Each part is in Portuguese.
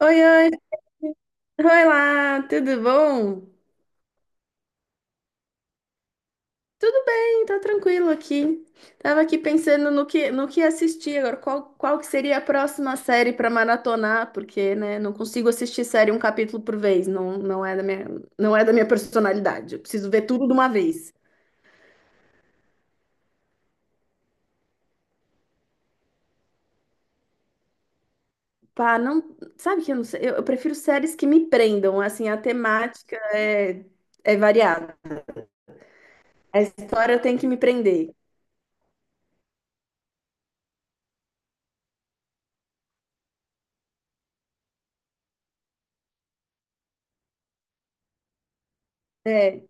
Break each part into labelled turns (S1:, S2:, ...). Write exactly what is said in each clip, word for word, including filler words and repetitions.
S1: Oi, oi, oi lá, tudo bom? Tudo bem, tá tranquilo aqui. Tava aqui pensando no que, no que assistir agora, qual, qual que seria a próxima série pra maratonar, porque, né, não consigo assistir série um capítulo por vez, não, não é da minha, não é da minha personalidade, eu preciso ver tudo de uma vez. Pá, não, sabe que eu não sei, eu, eu prefiro séries que me prendam, assim, a temática é, é variada, a história tem que me prender. É.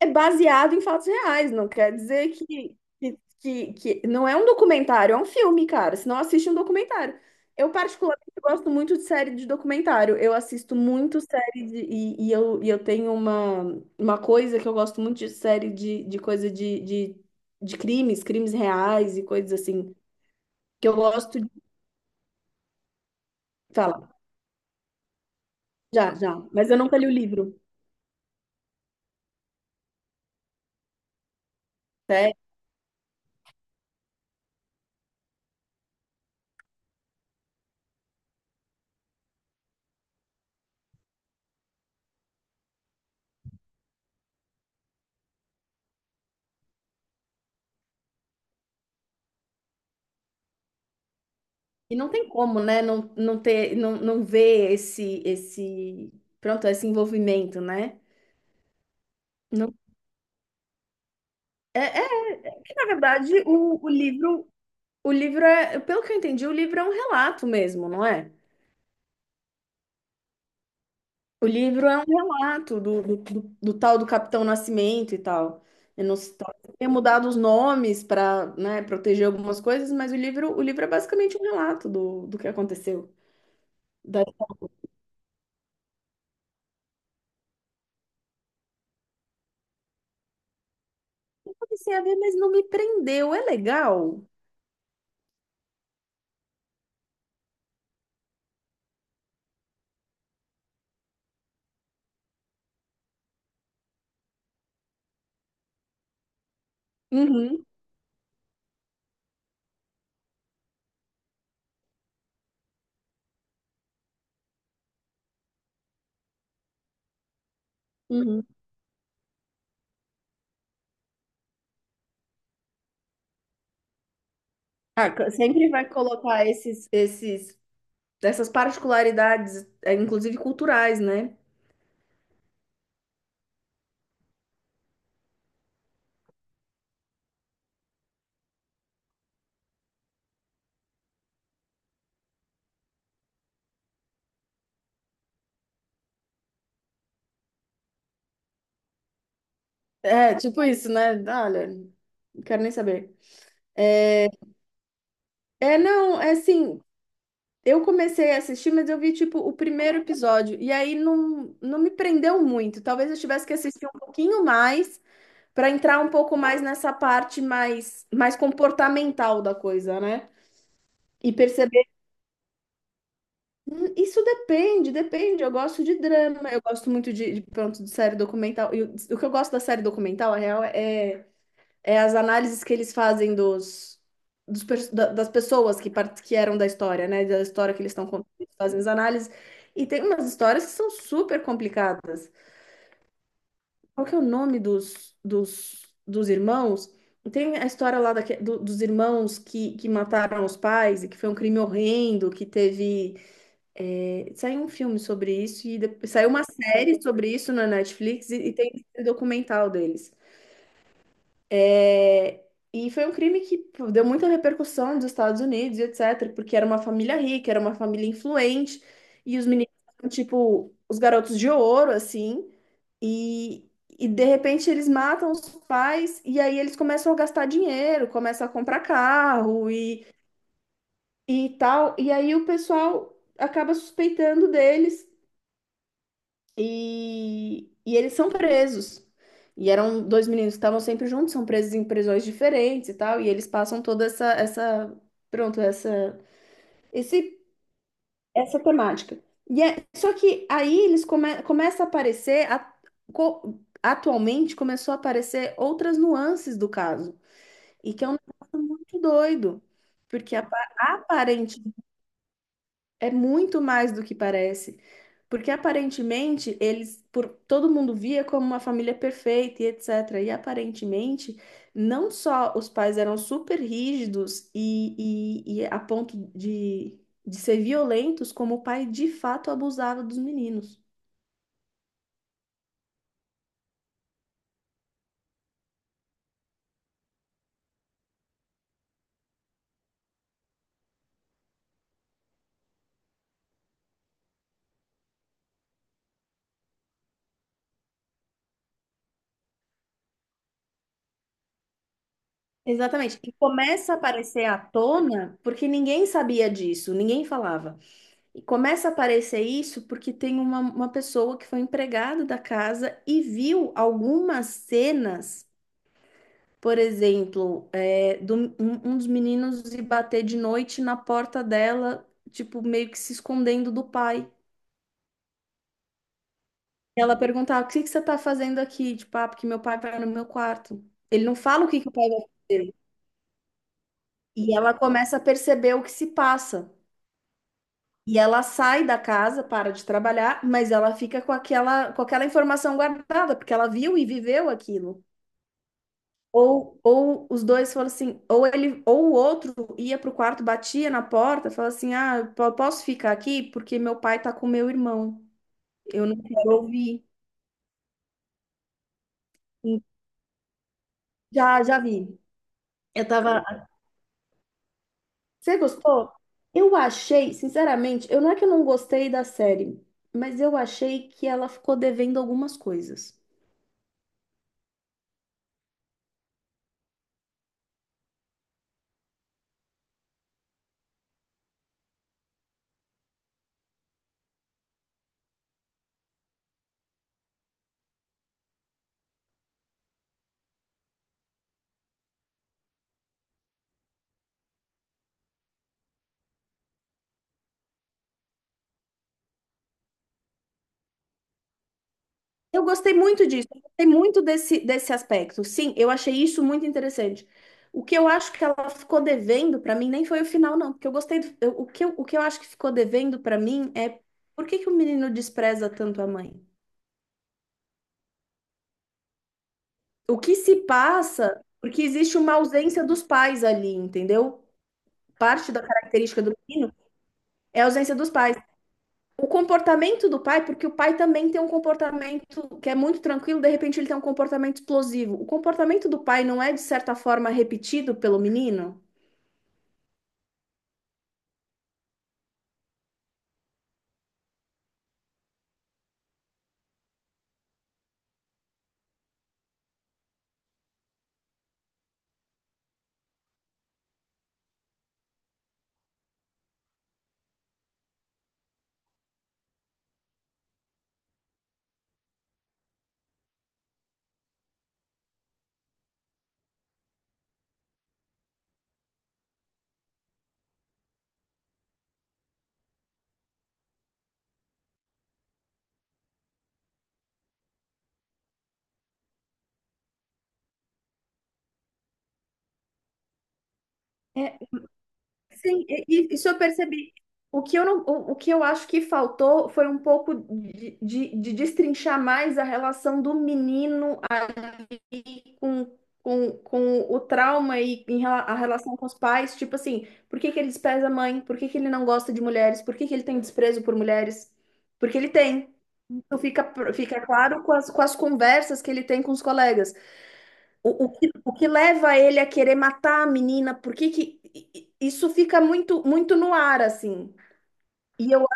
S1: É baseado em fatos reais, não quer dizer que, que, que, que- não é um documentário, é um filme, cara. Se não assiste um documentário. Eu, particularmente, gosto muito de série de documentário. Eu assisto muito série de, e, e eu, e eu tenho uma, uma coisa que eu gosto muito de série de, de coisa de, de, de crimes, crimes reais e coisas assim. Que eu gosto de. Fala, já, já, mas eu nunca li o livro. E não tem como, né, não, não ter, não, não ver esse, esse, pronto, esse envolvimento, né? Não, é, é que, na verdade, o, o livro, o livro é, pelo que eu entendi, o livro é um relato mesmo, não é? O livro é um relato do, do, do- do tal do Capitão Nascimento e tal. Eu não sei, talvez tenha mudado os nomes para, né, proteger algumas coisas, mas o livro, o livro é basicamente um relato do, do que aconteceu. Daí eu comecei a ver, mas não me prendeu, é legal. Uhum, uhum. Ah, co- sempre vai colocar esses, esses, essas particularidades, é, inclusive culturais, né? É, tipo isso, né? Olha, não quero nem saber. É, é, não, é assim, eu comecei a assistir, mas eu vi, tipo, o primeiro episódio, e aí não, não me prendeu muito. Talvez eu tivesse que assistir um pouquinho mais para entrar um pouco mais nessa parte mais, mais comportamental da coisa, né? E perceber. Hum, Isso depende, depende. Eu gosto de drama, eu gosto muito de, de, pronto, de série documental. E o, o que eu gosto da série documental, a real, é, é as análises que eles fazem dos, dos pers- da- das pessoas que, part- que eram da história, né? Da história que eles estão contando, eles fazem as análises. E tem umas histórias que são super complicadas. Qual que é o nome dos, dos, dos irmãos? Tem a história lá daque- do- dos irmãos que, que mataram os pais e que foi um crime horrendo, que teve. Saiu um filme sobre isso e depois, saiu uma série sobre isso na Netflix e, e tem um documental deles. É, e foi um crime que pô, deu muita repercussão nos Estados Unidos e etc., porque era uma família rica, era uma família influente e os meninos eram, tipo os garotos de ouro assim. e E de repente eles matam os pais e aí eles começam a gastar dinheiro, começam a comprar carro e, e tal. E aí o pessoal acaba suspeitando deles. E, e eles são presos. E eram dois meninos que estavam sempre juntos, são presos em prisões diferentes e tal, e eles passam toda essa, essa, pronto, essa, esse, essa temática. E é, só que aí eles come, começa a aparecer, a- co- atualmente começou a aparecer outras nuances do caso, e que é um negócio muito doido, porque apa- aparentemente é muito mais do que parece. Porque aparentemente eles, por todo mundo via como uma família perfeita e etecetera. E aparentemente, não só os pais eram super rígidos e, e, e a ponto de, de ser violentos, como o pai de fato abusava dos meninos. Exatamente. E começa a aparecer à tona porque ninguém sabia disso, ninguém falava. E começa a aparecer isso porque tem uma, uma pessoa que foi empregada da casa e viu algumas cenas, por exemplo, é, do, um, um dos meninos ir bater de noite na porta dela, tipo, meio que se escondendo do pai. Ela perguntava, o que que você tá fazendo aqui? Tipo, ah, porque meu pai vai no meu quarto. Ele não fala o que que o pai vai fazer. E ela começa a perceber o que se passa. E ela sai da casa, para de trabalhar, mas ela fica com aquela, com aquela informação guardada, porque ela viu e viveu aquilo. Ou, ou os dois falam assim, ou ele, ou o outro ia pro quarto, batia na porta, fala assim: "Ah, eu po- posso ficar aqui porque meu pai tá com meu irmão. Eu não quero ouvir". Hum, Já, já vi. Eu tava. Você gostou? Eu achei, sinceramente, eu não é que eu não gostei da série, mas eu achei que ela ficou devendo algumas coisas. Eu gostei muito disso, eu gostei muito desse, desse aspecto. Sim, eu achei isso muito interessante. O que eu acho que ela ficou devendo para mim nem foi o final, não, porque eu gostei do, eu- o que eu, o que eu acho que ficou devendo para mim é por que que o menino despreza tanto a mãe? O que se passa? Porque existe uma ausência dos pais ali, entendeu? Parte da característica do menino é a ausência dos pais. O comportamento do pai, porque o pai também tem um comportamento que é muito tranquilo, de repente ele tem um comportamento explosivo. O comportamento do pai não é, de certa forma, repetido pelo menino? É, sim, e- e- isso eu percebi. O que eu não, o, o que eu acho que faltou foi um pouco de, de, de destrinchar mais a relação do menino com, com, com o trauma e em rela- a relação com os pais, tipo assim, por que que ele despreza a mãe? Por que que ele não gosta de mulheres? Por que que ele tem desprezo por mulheres? Porque ele tem. Isso fica, fica claro com as, com as conversas que ele tem com os colegas. O, o que, o que leva ele a querer matar a menina? Por que que i- i- isso fica muito, muito no ar, assim? E eu,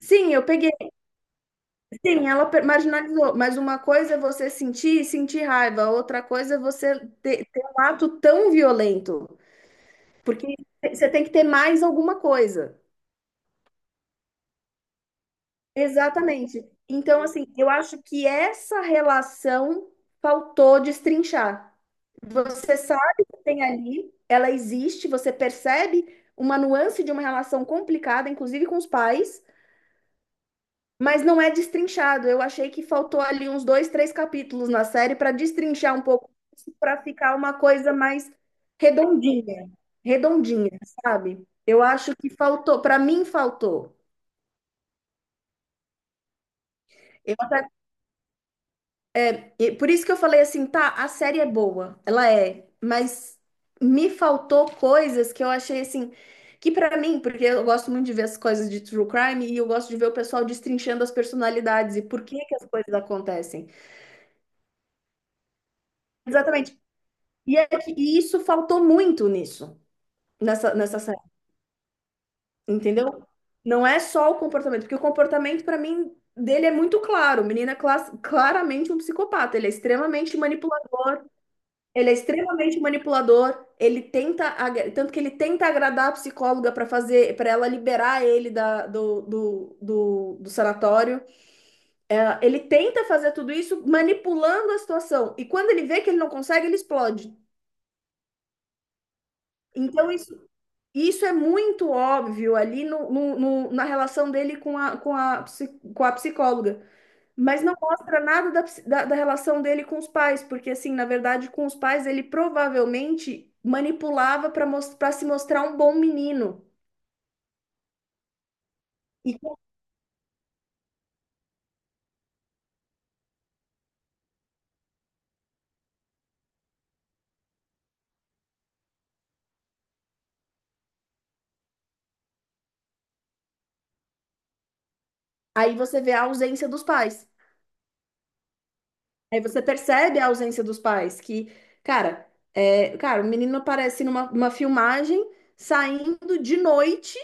S1: sim, eu peguei. Sim, ela per- marginalizou, mas uma coisa é você sentir e sentir raiva, outra coisa é você ter, ter um ato tão violento, porque você tem que ter mais alguma coisa. Exatamente. Então, assim, eu acho que essa relação faltou destrinchar. Você sabe que tem ali, ela existe, você percebe uma nuance de uma relação complicada, inclusive com os pais, mas não é destrinchado. Eu achei que faltou ali uns dois, três capítulos na série para destrinchar um pouco isso, para ficar uma coisa mais redondinha, redondinha, sabe? Eu acho que faltou, para mim faltou. Eu até- e por isso que eu falei assim, tá, a série é boa, ela é, mas me faltou coisas que eu achei assim, que para mim, porque eu gosto muito de ver as coisas de true crime e eu gosto de ver o pessoal destrinchando as personalidades e por que que as coisas acontecem. Exatamente. E, é que- e isso faltou muito nisso, nessa, nessa série, entendeu? Não é só o comportamento, porque o comportamento, pra mim, dele é muito claro. O menino é clas- claramente um psicopata. Ele é extremamente manipulador, ele é extremamente manipulador, ele tenta, agra- tanto que ele tenta agradar a psicóloga pra fazer, para ela liberar ele da, do, do, do, do sanatório. É, ele tenta fazer tudo isso manipulando a situação. E quando ele vê que ele não consegue, ele explode. Então, isso. Isso é muito óbvio ali no, no- no- na relação dele com a, com a, psi- com a psicóloga, mas não mostra nada da, psi- da, da relação dele com os pais, porque, assim, na verdade, com os pais ele provavelmente manipulava para para se mostrar um bom menino. E aí você vê a ausência dos pais. Aí você percebe a ausência dos pais, que, cara, é, cara, o menino aparece numa uma filmagem saindo de noite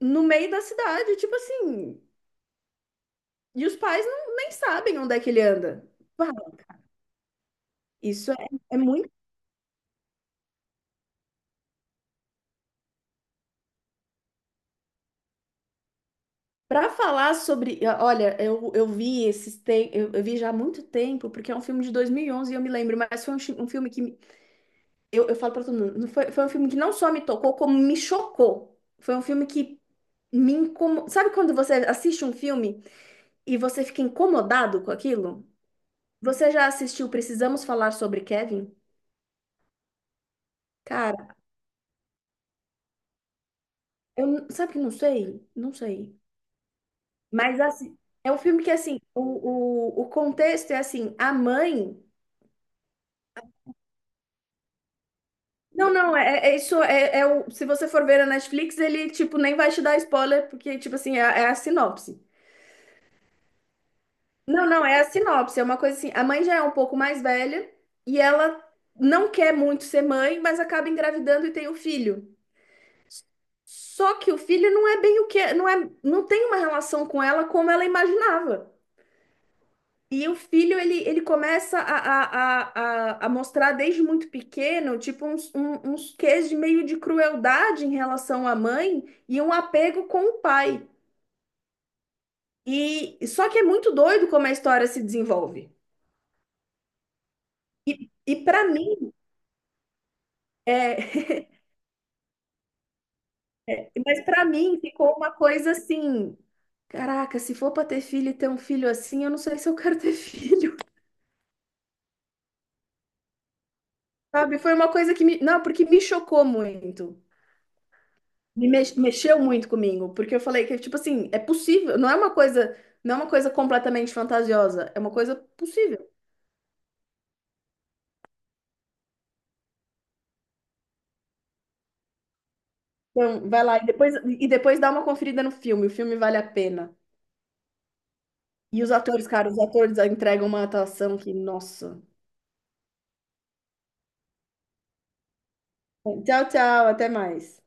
S1: no meio da cidade, tipo assim. E os pais não, nem sabem onde é que ele anda. Pá, isso é, é muito. Para falar sobre. ah, Olha, eu, eu vi esses tem, eu, eu vi já há muito tempo, porque é um filme de dois mil e onze e onze e eu me lembro, mas foi um, chi- um filme que. me- Eu, eu falo para todo mundo, não foi, foi um filme que não só me tocou, como me chocou. Foi um filme que me incomodou. Sabe quando você assiste um filme e você fica incomodado com aquilo? Você já assistiu Precisamos Falar sobre Kevin? Cara, eu, n- sabe que não sei? Não sei. Mas assim, é um filme que assim, o, o, o contexto é assim, a mãe. Não, não, é, é isso é, é o. Se você for ver a Netflix, ele tipo nem vai te dar spoiler, porque, tipo assim, é, é a sinopse. Não, não, é a sinopse, é uma coisa assim, a mãe já é um pouco mais velha e ela não quer muito ser mãe, mas acaba engravidando e tem o filho. Só que o filho não é bem o que, não é, não tem uma relação com ela como ela imaginava. E o filho, ele, ele começa a, a, a, a a mostrar desde muito pequeno, tipo, uns, um- uns quês de meio de crueldade em relação à mãe e um apego com o pai. E só que é muito doido como a história se desenvolve. E, e para mim, é, mas para mim ficou uma coisa assim, caraca, se for para ter filho e ter um filho assim, eu não sei se eu quero ter filho, sabe? Foi uma coisa que me, não, porque me chocou muito. Me mex- mexeu muito comigo, porque eu falei que, tipo assim, é possível, não é uma coisa, não é uma coisa completamente fantasiosa, é uma coisa possível. Então, vai lá e depois, e depois, dá uma conferida no filme, o filme vale a pena. E os atores, cara, os atores entregam uma atuação que, nossa. Tchau, tchau, até mais.